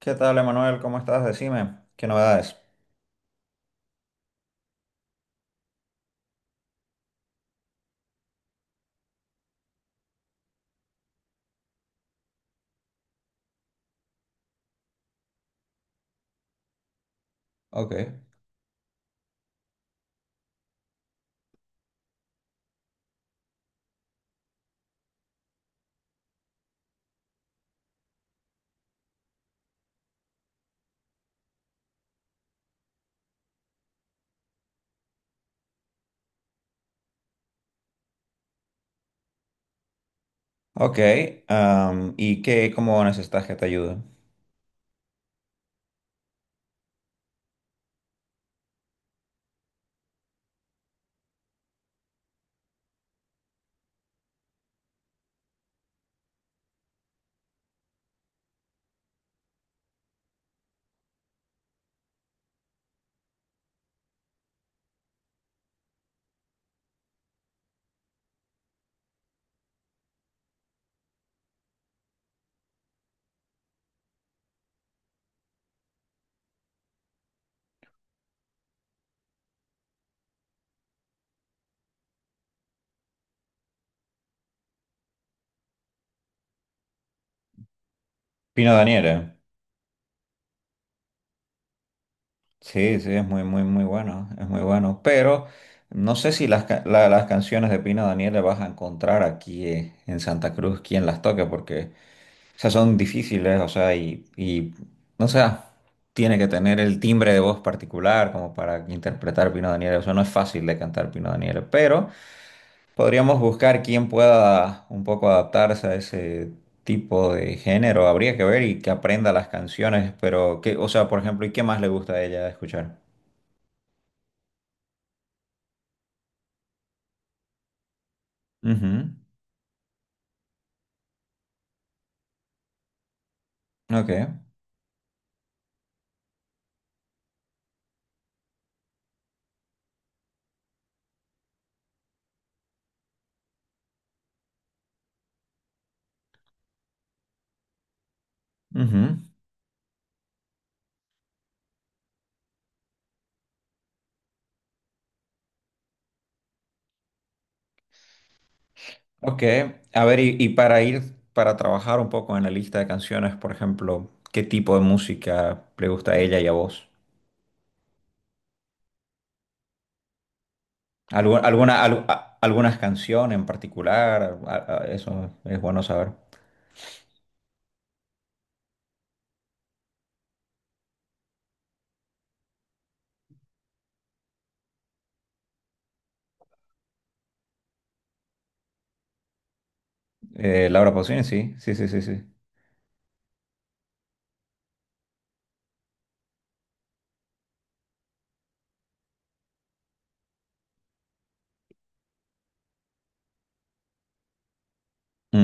¿Qué tal, Emanuel? ¿Cómo estás? Decime, ¿qué novedades? Ok. Ok, ¿y qué, cómo necesitas que te ayude? Pino Daniele. Sí, sí, es muy, muy, muy bueno, es muy bueno. Pero no sé si las canciones de Pino Daniele vas a encontrar aquí en Santa Cruz quien las toque, porque, o sea, son difíciles, o sea, o sea, tiene que tener el timbre de voz particular como para interpretar Pino Daniele, o sea, no es fácil de cantar Pino Daniele, pero podríamos buscar quién pueda un poco adaptarse a ese tipo de género. Habría que ver y que aprenda las canciones, pero qué, o sea, por ejemplo, ¿y qué más le gusta a ella escuchar? Ujú. Ok. Ujú. Ok. A ver, para trabajar un poco en la lista de canciones, por ejemplo, ¿qué tipo de música le gusta a ella y a vos? Alguna, algunas canciones en particular? Eso es bueno saber. Laura Pausini, sí, sí, sí, sí, sí.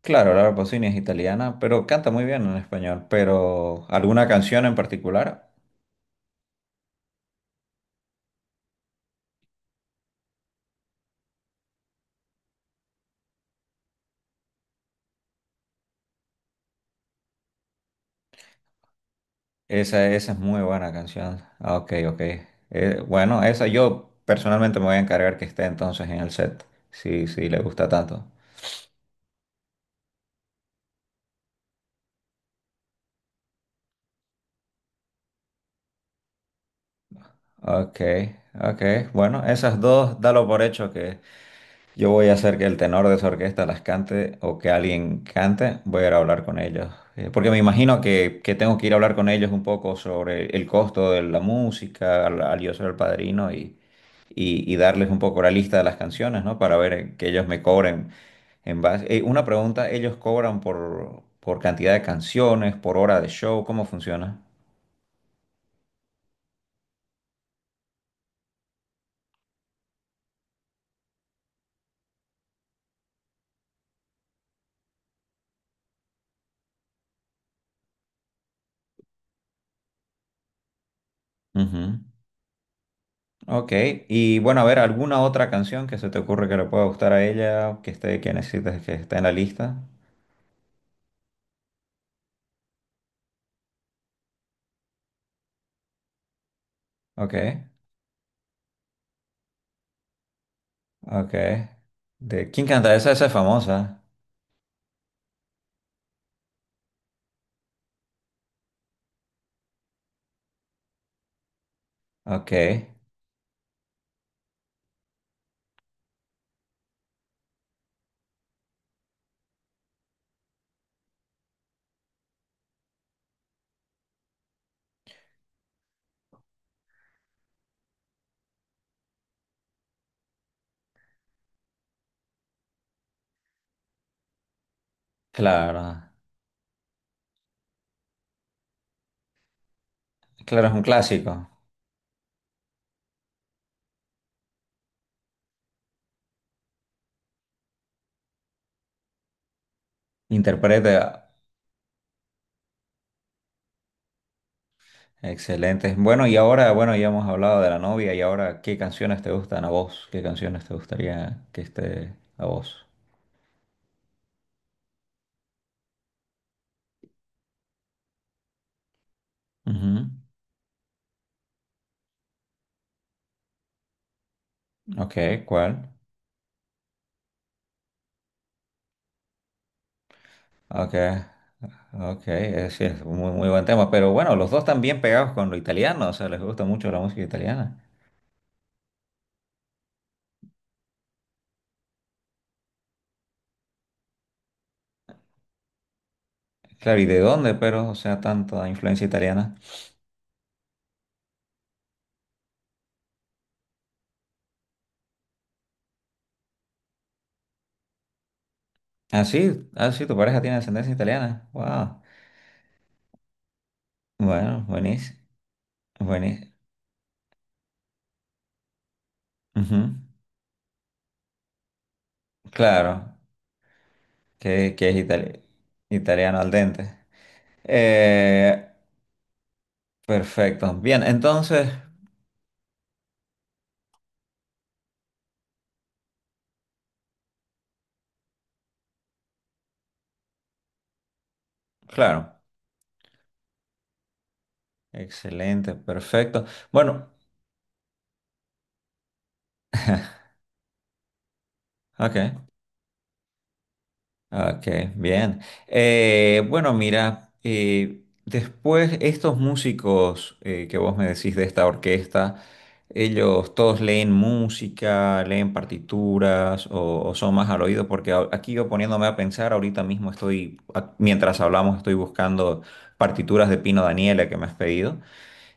Claro, Laura Pausini es italiana, pero canta muy bien en español. Pero, ¿alguna canción en particular? Esa es muy buena canción. Ah, ok, ok. Bueno, esa yo personalmente me voy a encargar que esté entonces en el set, si, si le gusta tanto. Ok, ok. Bueno, esas dos, dalo por hecho. Yo voy a hacer que el tenor de esa orquesta las cante o que alguien cante. Voy a ir a hablar con ellos. Porque me imagino que tengo que ir a hablar con ellos un poco sobre el costo de la música al, al yo ser el padrino y, y darles un poco la lista de las canciones, ¿no? Para ver que ellos me cobren en base. Una pregunta, ¿ellos cobran por cantidad de canciones, por hora de show? ¿Cómo funciona? Ujú. Ok, y bueno, a ver, ¿alguna otra canción que se te ocurre que le pueda gustar a ella, que esté, que necesites que esté en la lista? Ok, ok. ¿De quién canta esa? Esa es famosa. Ok, claro, claro, es un clásico. Interpreta, excelente. Bueno, y ahora, bueno, ya hemos hablado de la novia y ahora, ¿qué canciones te gustan a vos? ¿Qué canciones te gustaría que esté a vos? Ujú. Ok, ¿cuál? Ok. Ok, sí, es un muy, muy buen tema, pero bueno, los dos están bien pegados con lo italiano, o sea, les gusta mucho la música italiana. Claro, ¿y de dónde, pero, o sea, tanta influencia italiana? Ah, sí, ah, sí, tu pareja tiene ascendencia italiana. Wow. Bueno, buenísimo, buenísimo. Claro, que, italiano al dente. Eh, perfecto, bien, entonces, claro, excelente, perfecto. Bueno, ok, okay, bien. Bueno, mira, después estos músicos que vos me decís de esta orquesta, ellos todos leen música, leen partituras o son más al oído, porque aquí yo poniéndome a pensar, ahorita mismo estoy, mientras hablamos, estoy buscando partituras de Pino Daniele que me has pedido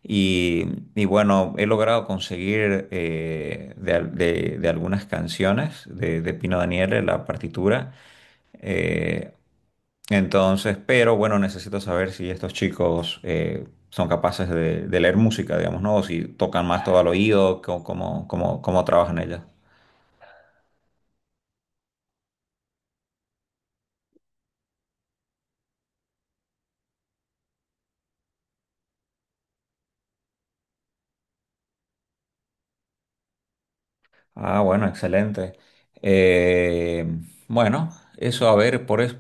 y, y bueno, he logrado conseguir de, de algunas canciones de Pino Daniele la partitura. Eh, entonces, pero bueno, necesito saber si estos chicos son capaces de leer música, digamos, ¿no? O si tocan más todo al oído, cómo, cómo, cómo trabajan ellas. Ah, bueno, excelente. Eh, bueno, eso a ver, por eso,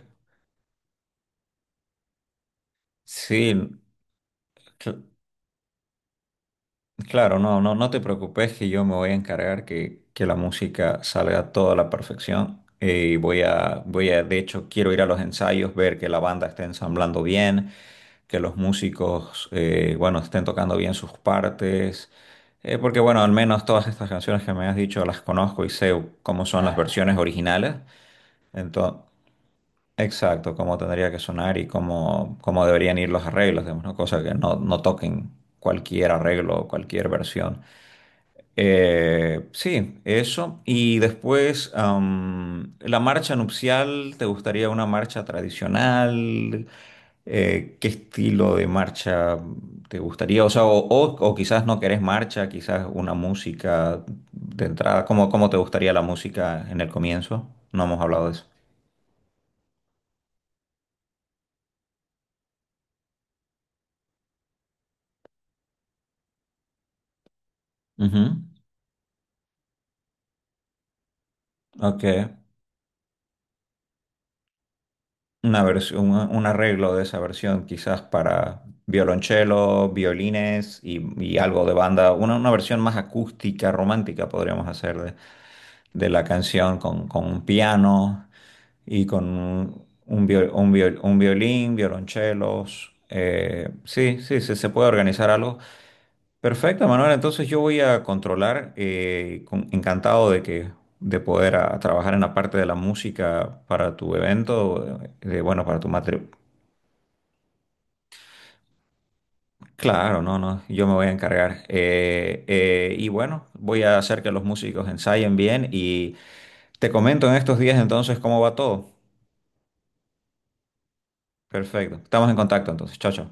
sí, cl- claro, no, no, no te preocupes que yo me voy a encargar que la música salga a toda la perfección. Y voy a, voy a, de hecho, quiero ir a los ensayos, ver que la banda esté ensamblando bien, que los músicos, bueno, estén tocando bien sus partes, porque bueno, al menos todas estas canciones que me has dicho las conozco y sé cómo son las, claro, versiones originales, entonces, exacto, cómo tendría que sonar y cómo, cómo deberían ir los arreglos, digamos, ¿no? Cosa que no, no toquen cualquier arreglo o cualquier versión. Sí, eso. Y después, la marcha nupcial, ¿te gustaría una marcha tradicional? ¿Qué estilo de marcha te gustaría? O sea, o quizás no querés marcha, quizás una música de entrada. ¿Cómo, cómo te gustaría la música en el comienzo? No hemos hablado de eso. Ujú. Ok. Una versión, un arreglo de esa versión, quizás para violonchelo, violines y algo de banda, una versión más acústica, romántica podríamos hacer de la canción con un piano y con un, un violín, violonchelos. Eh, sí, sí, sí, se puede organizar algo. Perfecto, Manuel. Entonces yo voy a controlar, encantado de que de poder trabajar en la parte de la música para tu evento, bueno, para tu matrimonio. Claro, no, no, yo me voy a encargar. Y bueno, voy a hacer que los músicos ensayen bien y te comento en estos días entonces cómo va todo. Perfecto, estamos en contacto entonces. Chao, chao.